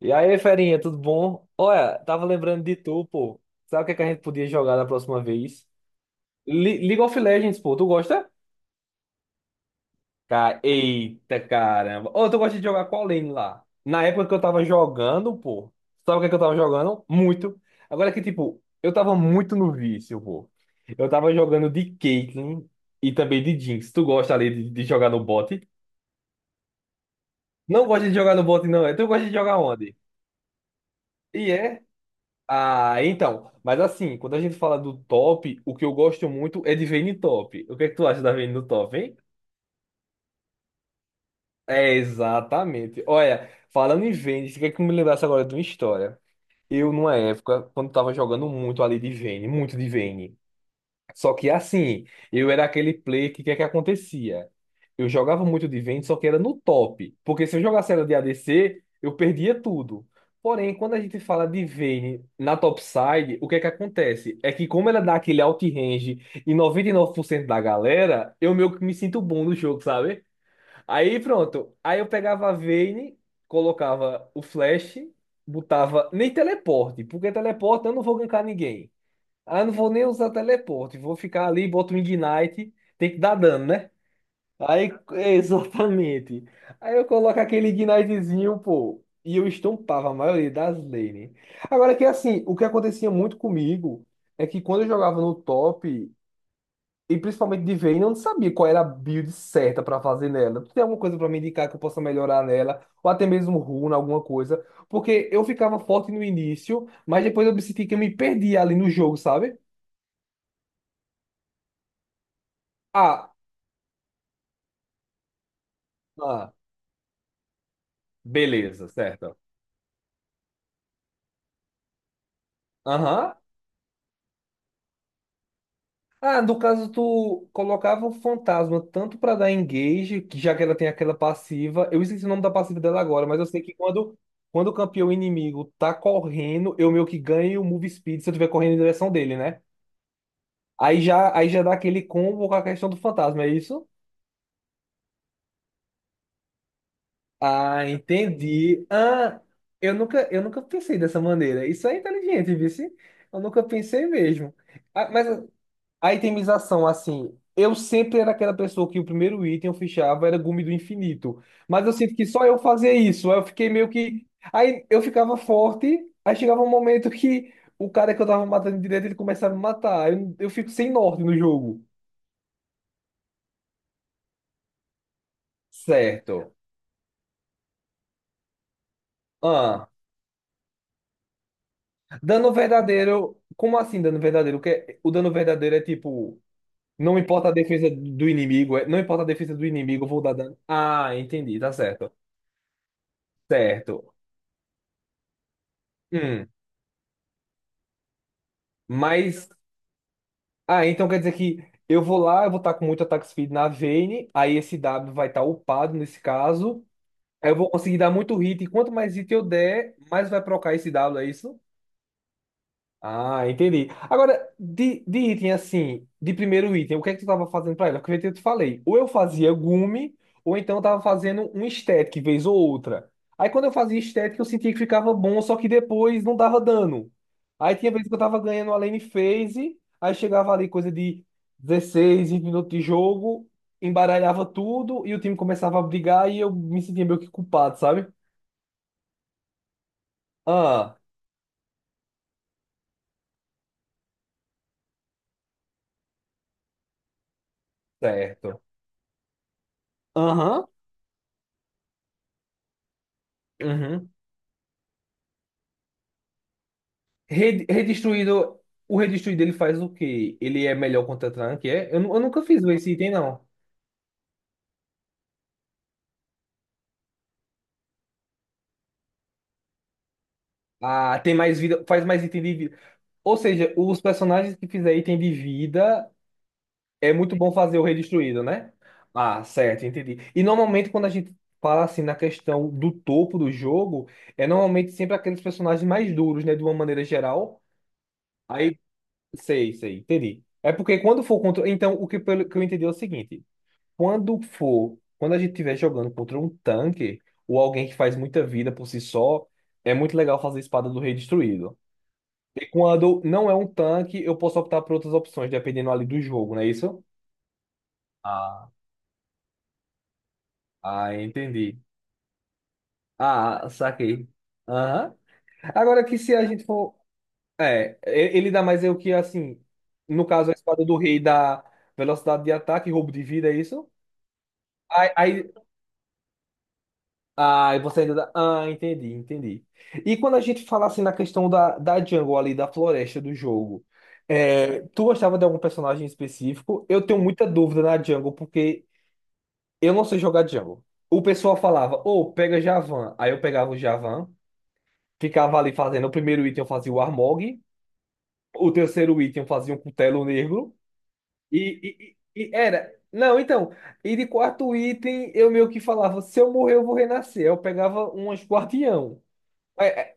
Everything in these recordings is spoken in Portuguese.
E aí, Ferinha, tudo bom? Olha, tava lembrando de tu, pô. Sabe o que é que a gente podia jogar da próxima vez? League of Legends, pô. Tu gosta? Eita, caramba. Ô, tu gosta de jogar qual lane lá? Na época que eu tava jogando, pô. Sabe o que é que eu tava jogando? Muito. Agora que, tipo, eu tava muito no vício, pô. Eu tava jogando de Caitlyn e também de Jinx. Tu gosta ali de jogar no bot? Não gosta de jogar no bot, não, é? Tu gosta de jogar onde? E é? Ah, então. Mas assim, quando a gente fala do top, o que eu gosto muito é de Vayne top. O que é que tu acha da Vayne no top, hein? É, exatamente. Olha, falando em Vayne, você quer que eu me lembrasse agora de uma história? Eu, numa época, quando tava jogando muito ali de Vayne, muito de Vayne. Só que assim, eu era aquele play que o que é que acontecia? Eu jogava muito de vento, só que era no top. Porque se eu jogasse ela de ADC, eu perdia tudo. Porém, quando a gente fala de Vayne na topside, o que é que acontece? É que como ela dá aquele outrange em 99% da galera, eu meio que me sinto bom no jogo, sabe? Aí pronto. Aí eu pegava a Vayne, colocava o flash, botava nem teleporte, porque teleporte eu não vou gankar ninguém. Ah, não vou nem usar teleporte. Vou ficar ali, boto um Ignite. Tem que dar dano, né? Aí, exatamente. Aí eu coloco aquele Ignitezinho, pô. E eu estompava a maioria das lane. Agora que assim, o que acontecia muito comigo é que quando eu jogava no top, e principalmente de Vayne, eu não sabia qual era a build certa pra fazer nela. Tu tem alguma coisa pra me indicar que eu possa melhorar nela? Ou até mesmo runa, alguma coisa? Porque eu ficava forte no início, mas depois eu me senti que eu me perdia ali no jogo, sabe? Ah, Ah, beleza, certo. Aham. Ah, no caso, tu colocava o fantasma tanto pra dar engage, que já que ela tem aquela passiva. Eu esqueci o nome da passiva dela agora, mas eu sei que quando o campeão inimigo tá correndo, eu meio que ganho o move speed se eu estiver correndo em direção dele, né? Aí já dá aquele combo com a questão do fantasma, é isso? Ah, entendi. Ah, eu nunca pensei dessa maneira. Isso é inteligente, vice. Eu nunca pensei mesmo. Ah, mas A itemização, assim, eu sempre era aquela pessoa que o primeiro item eu fechava era gume do infinito. Mas eu sinto que só eu fazia isso. Aí eu fiquei meio que. Aí eu ficava forte, aí chegava um momento que o cara que eu tava matando direto, ele começava a me matar. Aí eu fico sem norte no jogo. Certo. Ah, dano verdadeiro. Como assim dano verdadeiro? O dano verdadeiro é tipo. Não importa a defesa do inimigo, não importa a defesa do inimigo, eu vou dar dano. Ah, entendi, tá certo. Certo. Hum. Mas ah, então quer dizer que eu vou lá, eu vou estar com muito attack speed na Vayne, aí esse W vai estar upado nesse caso. Aí eu vou conseguir dar muito hit, e quanto mais hit eu der, mais vai procar esse W, é isso? Ah, entendi. Agora, de item assim, de primeiro item, o que é que tu tava fazendo pra ela? Porque eu te falei, ou eu fazia gume, ou então eu tava fazendo um estético, vez ou outra. Aí quando eu fazia estética, eu sentia que ficava bom, só que depois não dava dano. Aí tinha vezes que eu tava ganhando a lane phase, aí chegava ali coisa de 16 20 minutos de jogo, embaralhava tudo e o time começava a brigar e eu me sentia meio que culpado, sabe? Ah, certo. Aham. Uhum. Redistruído, o redistruído ele faz o quê? Ele é melhor contra tanque, é? Eu, eu nunca fiz esse item, não. Ah, tem mais vida, faz mais item de vida. Ou seja, os personagens que fizer item de vida, é muito bom fazer o redistruído, né? Ah, certo, entendi. E normalmente quando a gente fala assim na questão do topo do jogo, é normalmente sempre aqueles personagens mais duros, né? De uma maneira geral. Aí, sei, entendi. É porque quando for contra. Então, o que, pelo que eu entendi é o seguinte. Quando for, quando a gente estiver jogando contra um tanque ou alguém que faz muita vida por si só, é muito legal fazer espada do rei destruído. E quando não é um tanque, eu posso optar por outras opções, dependendo ali do jogo, não é isso? Ah, ah, entendi. Ah, saquei. Aham. Agora que se a gente for. É, ele dá mais é o que assim. No caso, a espada do rei dá velocidade de ataque, e roubo de vida, é isso? Aí, ah, e você ainda dá... Ah, entendi, entendi. E quando a gente fala assim na questão da jungle ali, da floresta do jogo, é, tu gostava de algum personagem específico? Eu tenho muita dúvida na jungle, porque eu não sei jogar jungle. O pessoal falava, ô, pega Javan. Aí eu pegava o Javan, ficava ali fazendo o primeiro item, eu fazia o Armog, o terceiro item eu fazia um cutelo negro, e era. Não, então, e de quarto item eu meio que falava, se eu morrer eu vou renascer. Eu pegava umas guardião. É,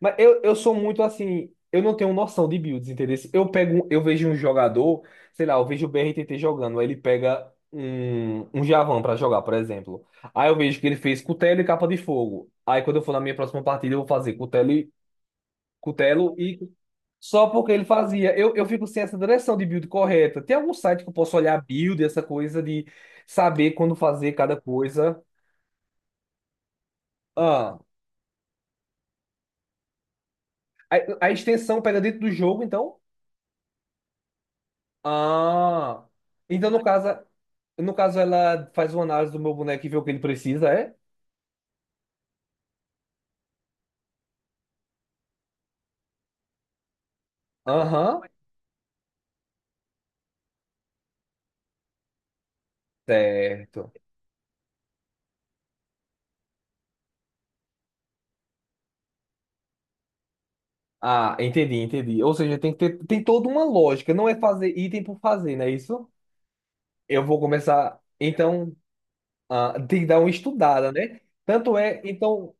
mas eu sou muito assim, eu não tenho noção de builds, entendeu? Eu vejo um jogador, sei lá, eu vejo o BRTT jogando, aí ele pega um Javan pra jogar, por exemplo. Aí eu vejo que ele fez cutelo e capa de fogo. Aí quando eu for na minha próxima partida, eu vou fazer cutelo e só porque ele fazia. Eu fico sem essa direção de build correta. Tem algum site que eu posso olhar build, essa coisa de saber quando fazer cada coisa? Ah, a, a extensão pega dentro do jogo, então? Ah, então no caso ela faz uma análise do meu boneco e vê o que ele precisa, é? Aham, certo. Ah, entendi, entendi. Ou seja, tem que ter, tem toda uma lógica, não é fazer item por fazer, não é isso? Eu vou começar, então, ah, tem que dar uma estudada, né? Tanto é, então,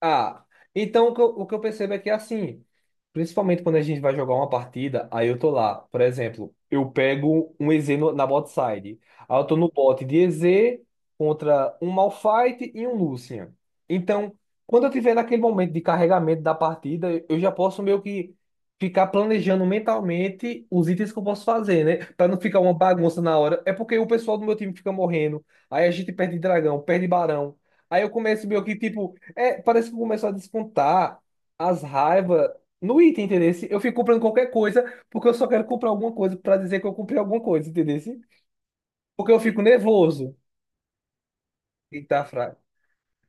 ah, então o que eu percebo é que é assim, principalmente quando a gente vai jogar uma partida, aí eu tô lá, por exemplo, eu pego um EZ na bot side. Aí eu tô no bot de EZ contra um Malphite e um Lucian. Então, quando eu tiver naquele momento de carregamento da partida, eu já posso meio que ficar planejando mentalmente os itens que eu posso fazer, né? Pra não ficar uma bagunça na hora. É porque o pessoal do meu time fica morrendo, aí a gente perde dragão, perde barão. Aí eu começo meio que tipo. É, parece que começou a descontar as raivas no item, entendeu? Eu fico comprando qualquer coisa porque eu só quero comprar alguma coisa pra dizer que eu comprei alguma coisa, entendeu? Porque eu fico nervoso e tá fraco.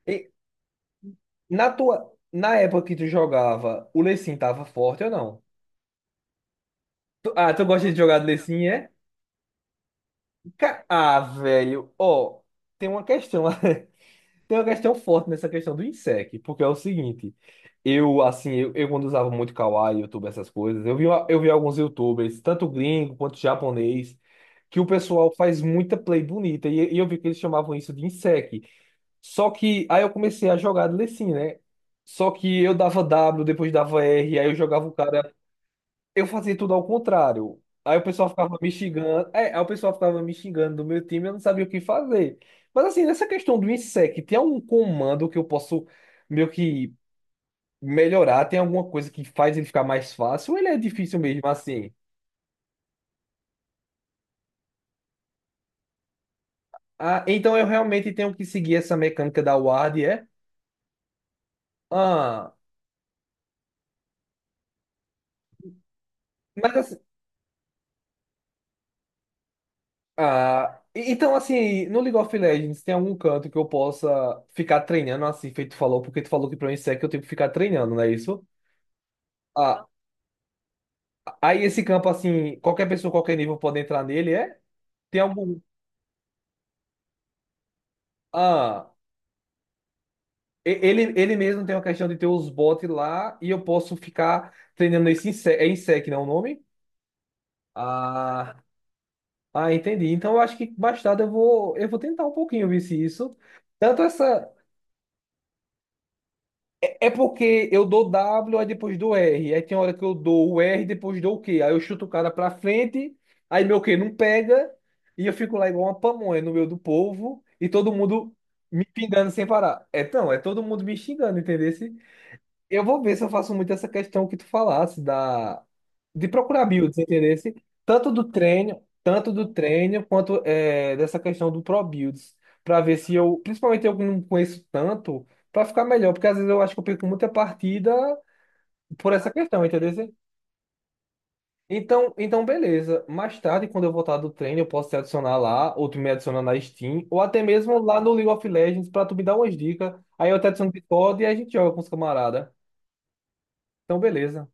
E na tua, na época que tu jogava, o Lecim tava forte ou não? Ah, tu gosta de jogar de Lecim, é? Ah, velho, ó, tem uma questão. Tem uma questão forte nessa questão do INSEC, porque é o seguinte, eu, assim, eu quando usava muito Kawaii, YouTube, essas coisas, eu vi alguns YouTubers, tanto gringo quanto japonês, que o pessoal faz muita play bonita, e eu vi que eles chamavam isso de INSEC. Só que, aí eu comecei a jogar de Lecim, né? Só que eu dava W, depois dava R, aí eu jogava o cara, eu fazia tudo ao contrário. Aí o pessoal ficava me xingando. É, aí o pessoal ficava me xingando do meu time, eu não sabia o que fazer. Mas assim, nessa questão do INSEC, tem algum comando que eu posso meio que melhorar? Tem alguma coisa que faz ele ficar mais fácil? Ou ele é difícil mesmo assim? Ah, então eu realmente tenho que seguir essa mecânica da ward, é? Ah, mas assim. Ah, então assim, no League of Legends tem algum canto que eu possa ficar treinando assim, feito tu falou, porque tu falou que para o INSEC eu tenho que ficar treinando, não é isso? Ah, aí esse campo, assim, qualquer pessoa, qualquer nível pode entrar nele, é? Tem algum. Ah, ele, ele mesmo tem uma questão de ter os bots lá e eu posso ficar treinando esse insec, é insec, não é o nome? Ah, ah, entendi. Então eu acho que mais tarde eu vou tentar um pouquinho ver se isso. Tanto essa. É é porque eu dou W, aí depois dou R. Aí tem hora que eu dou o R, depois dou o Q. Aí eu chuto o cara pra frente, aí meu Q não pega, e eu fico lá igual uma pamonha no meio do povo, e todo mundo me pingando sem parar. É, não, é todo mundo me xingando, entendeu? Eu vou ver se eu faço muito essa questão que tu falasse da de procurar builds, entendeu? Tanto do treino quanto é dessa questão do pro builds, para ver se eu, principalmente eu que não conheço tanto, para ficar melhor, porque às vezes eu acho que eu perco muita partida por essa questão, entendeu? Então beleza. Mais tarde, quando eu voltar do treino, eu posso te adicionar lá, ou tu me adiciona na Steam, ou até mesmo lá no League of Legends para tu me dar umas dicas. Aí eu te adiciono no Discord e a gente joga com os camaradas. Então, beleza.